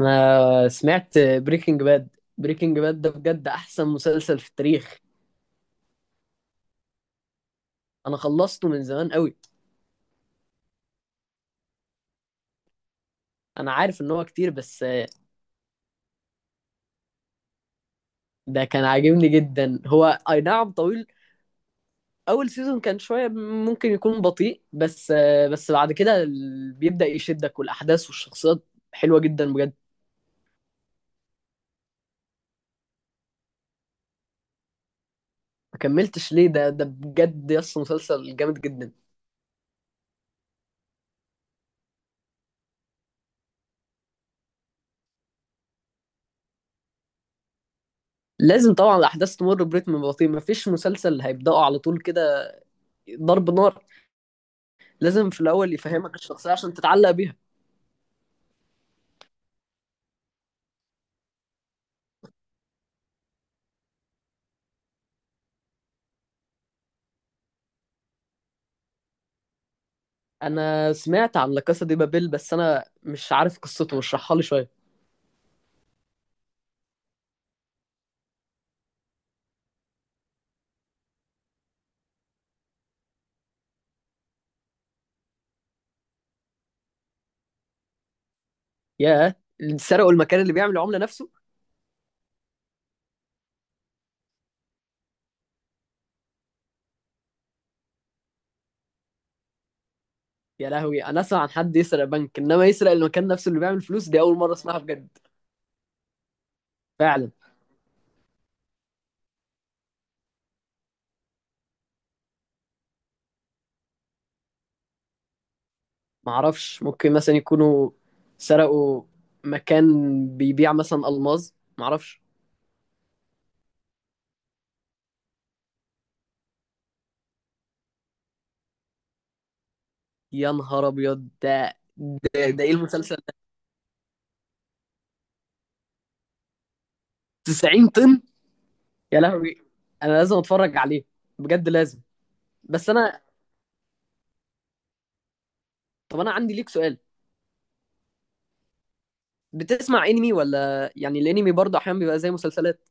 انا سمعت بريكنج باد. بريكنج باد ده بجد احسن مسلسل في التاريخ. انا خلصته من زمان قوي. انا عارف ان هو كتير بس. ده كان عاجبني جدا هو. اي نعم طويل. اول سيزون كان شوية، ممكن يكون بطيء بس بعد كده بيبدأ يشدك، والاحداث والشخصيات حلوة جدا بجد. ما كملتش ليه؟ ده بجد يس مسلسل جامد جدا. لازم طبعا الاحداث تمر برتم بطيء، مفيش مسلسل هيبدأه على طول كده ضرب نار. لازم في الاول يفهمك الشخصية عشان تتعلق بيها. انا سمعت عن لا كاسا دي بابيل بس انا مش عارف قصته، اشرحها لي شويه. ياه. اللي سرقوا المكان اللي بيعمل العمله نفسه؟ يا لهوي، انا اسمع عن حد يسرق بنك، انما يسرق المكان نفسه اللي بيعمل فلوس، دي اول مره اسمعها بجد. فعلا. ما اعرفش، ممكن مثلا يكونوا سرقوا مكان بيبيع مثلا الماظ، ما اعرفش. يا نهار ابيض ده. ده ايه المسلسل؟ 90 طن. يا لهوي، انا لازم اتفرج عليه، بجد لازم. بس انا. طب انا عندي ليك سؤال. بتسمع انمي؟ ولا يعني الانمي برضه احيانا بيبقى زي مسلسلات؟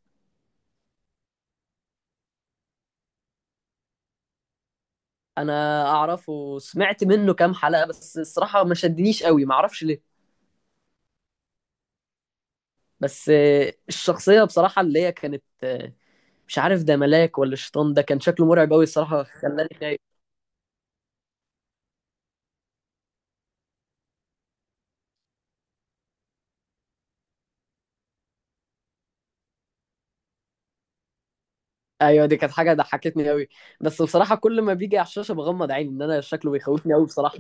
انا اعرفه وسمعت منه كام حلقة، بس الصراحة ما شدنيش قوي، ما اعرفش ليه. بس الشخصية بصراحة اللي هي كانت، مش عارف ده ملاك ولا شيطان، ده كان شكله مرعب قوي الصراحة، خلاني خايف. ايوه، دي كانت حاجة ضحكتني قوي. بس بصراحة كل ما بيجي على الشاشة بغمض عيني، ان انا شكله بيخوفني قوي بصراحة.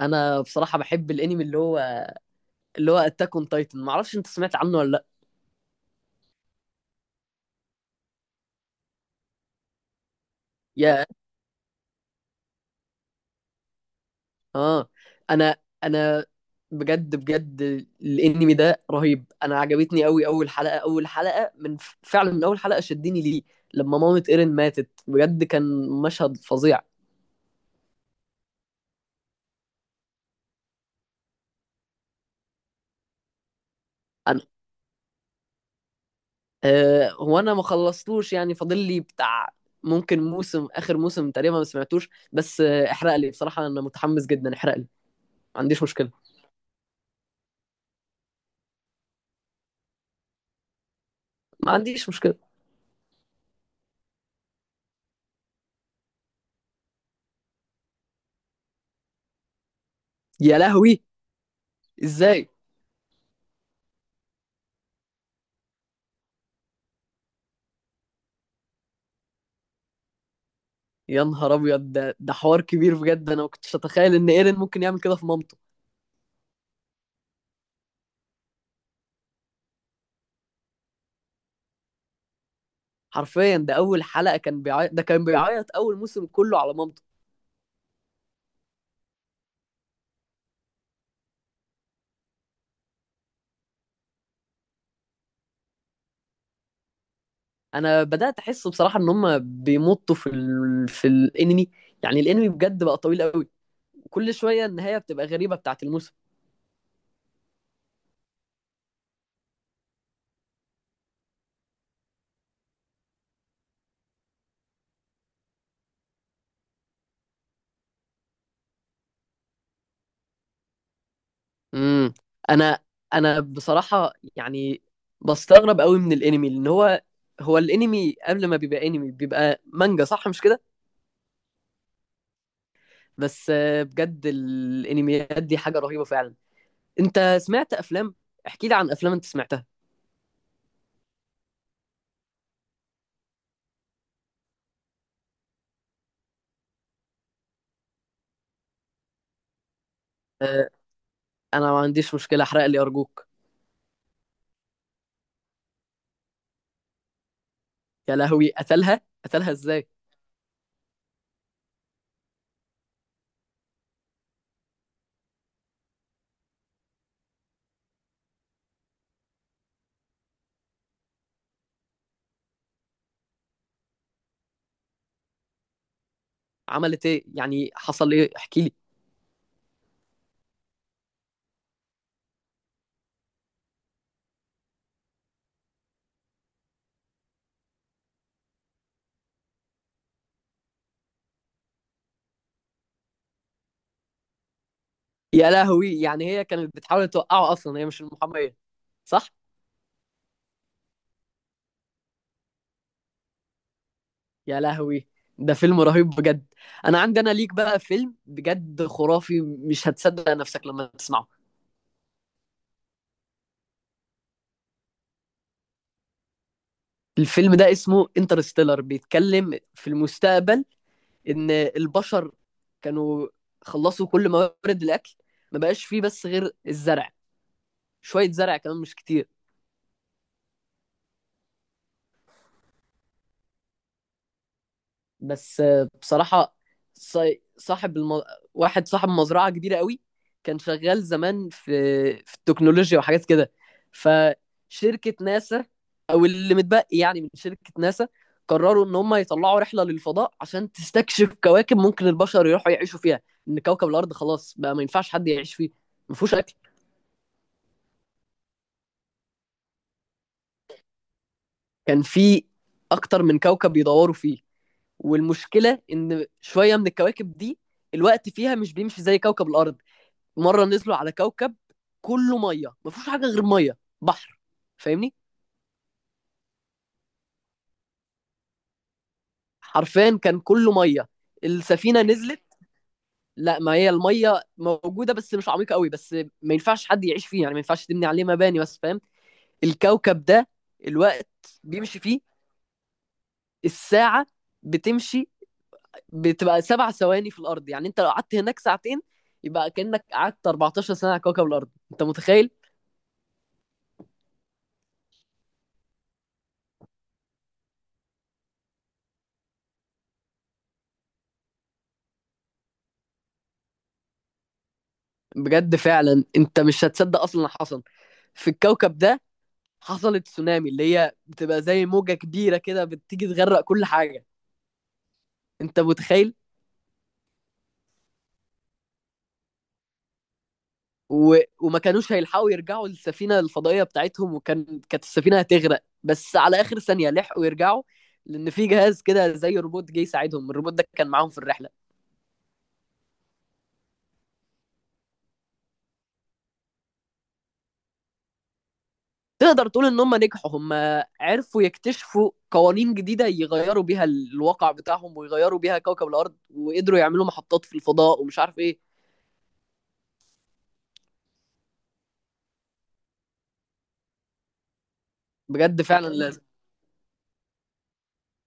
انا بصراحة بحب الانمي اللي هو اتاك اون تايتن، ما اعرفش انت سمعت عنه ولا لا. يا اه انا انا بجد بجد الانمي ده رهيب، انا عجبتني قوي اول حلقه اول حلقه من فعلا من اول حلقه شدني ليه. لما مامة ايرين ماتت بجد كان مشهد فظيع. انا آه هو انا ما خلصتوش، يعني فاضل لي بتاع ممكن اخر موسم تقريبا، ما سمعتوش، بس احرق لي بصراحه، انا متحمس جدا، احرق لي، ما عنديش مشكله. ما عنديش مشكله. يا لهوي، ازاي؟ يا نهار ابيض ده حوار كبير بجد، انا ما كنتش اتخيل ان ايرين ممكن يعمل كده في مامته. حرفيا ده اول حلقه كان بيعيط ده كان بيعيط اول موسم كله على مامته. انا بدات احس بصراحه ان هم بيمطوا في الانمي، يعني الانمي بجد بقى طويل قوي، وكل شويه النهايه بتبقى غريبه بتاعت الموسم. امم انا انا بصراحه يعني بستغرب قوي من الانمي، لان هو الانمي قبل ما بيبقى انمي بيبقى مانجا، صح مش كده؟ بس بجد الانميات دي حاجه رهيبه فعلا. انت سمعت افلام؟ احكي لي عن افلام انت سمعتها. انا ما عنديش مشكله، احرق لي ارجوك. يا لهوي، قتلها؟ قتلها ازاي؟ عملت ايه؟ يعني حصل ايه؟ احكي لي. يا لهوي، يعني هي كانت بتحاول توقعه؟ اصلا هي مش المحاميه؟ صح. يا لهوي. ده فيلم رهيب بجد. انا عندي انا ليك بقى فيلم بجد خرافي، مش هتصدق نفسك لما تسمعه. الفيلم ده اسمه انترستيلر، بيتكلم في المستقبل ان البشر كانوا خلصوا كل موارد الاكل، ما بقاش فيه بس غير الزرع، شويه زرع كمان مش كتير. بس بصراحة ص- صاحب الم... واحد صاحب مزرعة كبيرة قوي، كان شغال زمان في التكنولوجيا وحاجات كده. فشركة ناسا، أو اللي متبقي يعني من شركة ناسا، قرروا إن هم يطلعوا رحلة للفضاء عشان تستكشف كواكب ممكن البشر يروحوا يعيشوا فيها، إن كوكب الأرض خلاص بقى ما ينفعش حد يعيش فيه. ما فيهوش أكل. كان في أكتر من كوكب بيدوروا فيه، والمشكلة إن شوية من الكواكب دي الوقت فيها مش بيمشي زي كوكب الأرض. مره نزلوا على كوكب كله ميه، ما فيهوش حاجه غير ميه بحر. فاهمني. حرفيا كان كله ميه. السفينه نزلت. لا، ما هي الميه موجوده بس مش عميقه قوي، بس ما ينفعش حد يعيش فيه، يعني ما ينفعش تبني عليه مباني، بس فاهم. الكوكب ده الوقت بيمشي فيه، الساعه بتمشي بتبقى 7 ثواني في الارض، يعني انت لو قعدت هناك ساعتين يبقى كانك قعدت 14 سنه على كوكب الارض، انت متخيل؟ بجد فعلا، انت مش هتصدق اصلا اللي حصل في الكوكب ده. حصلت تسونامي اللي هي بتبقى زي موجة كبيرة كده بتيجي تغرق كل حاجة. انت متخيل؟ و... وما كانوش هيلحقوا يرجعوا للسفينة الفضائية بتاعتهم، وكان كانت السفينة هتغرق، بس على آخر ثانية لحقوا يرجعوا، لأن في جهاز كده زي روبوت جه يساعدهم، الروبوت ده كان معاهم في الرحلة. تقدر تقول إن هم نجحوا، هم عرفوا يكتشفوا قوانين جديدة يغيروا بيها الواقع بتاعهم، ويغيروا بيها كوكب الأرض، وقدروا يعملوا محطات في الفضاء ومش عارف إيه. بجد فعلا لازم.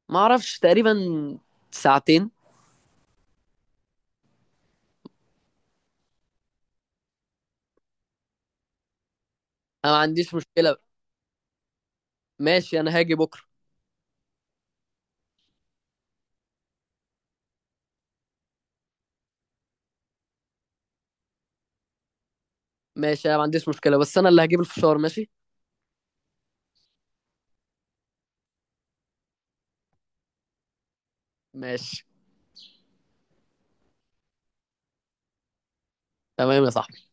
ما أعرفش تقريبا، ساعتين. انا ما عنديش مشكله. ماشي، انا هاجي بكره. ماشي، انا ما عنديش مشكله، بس انا اللي هجيب الفشار، ماشي. ماشي، تمام يا صاحبي.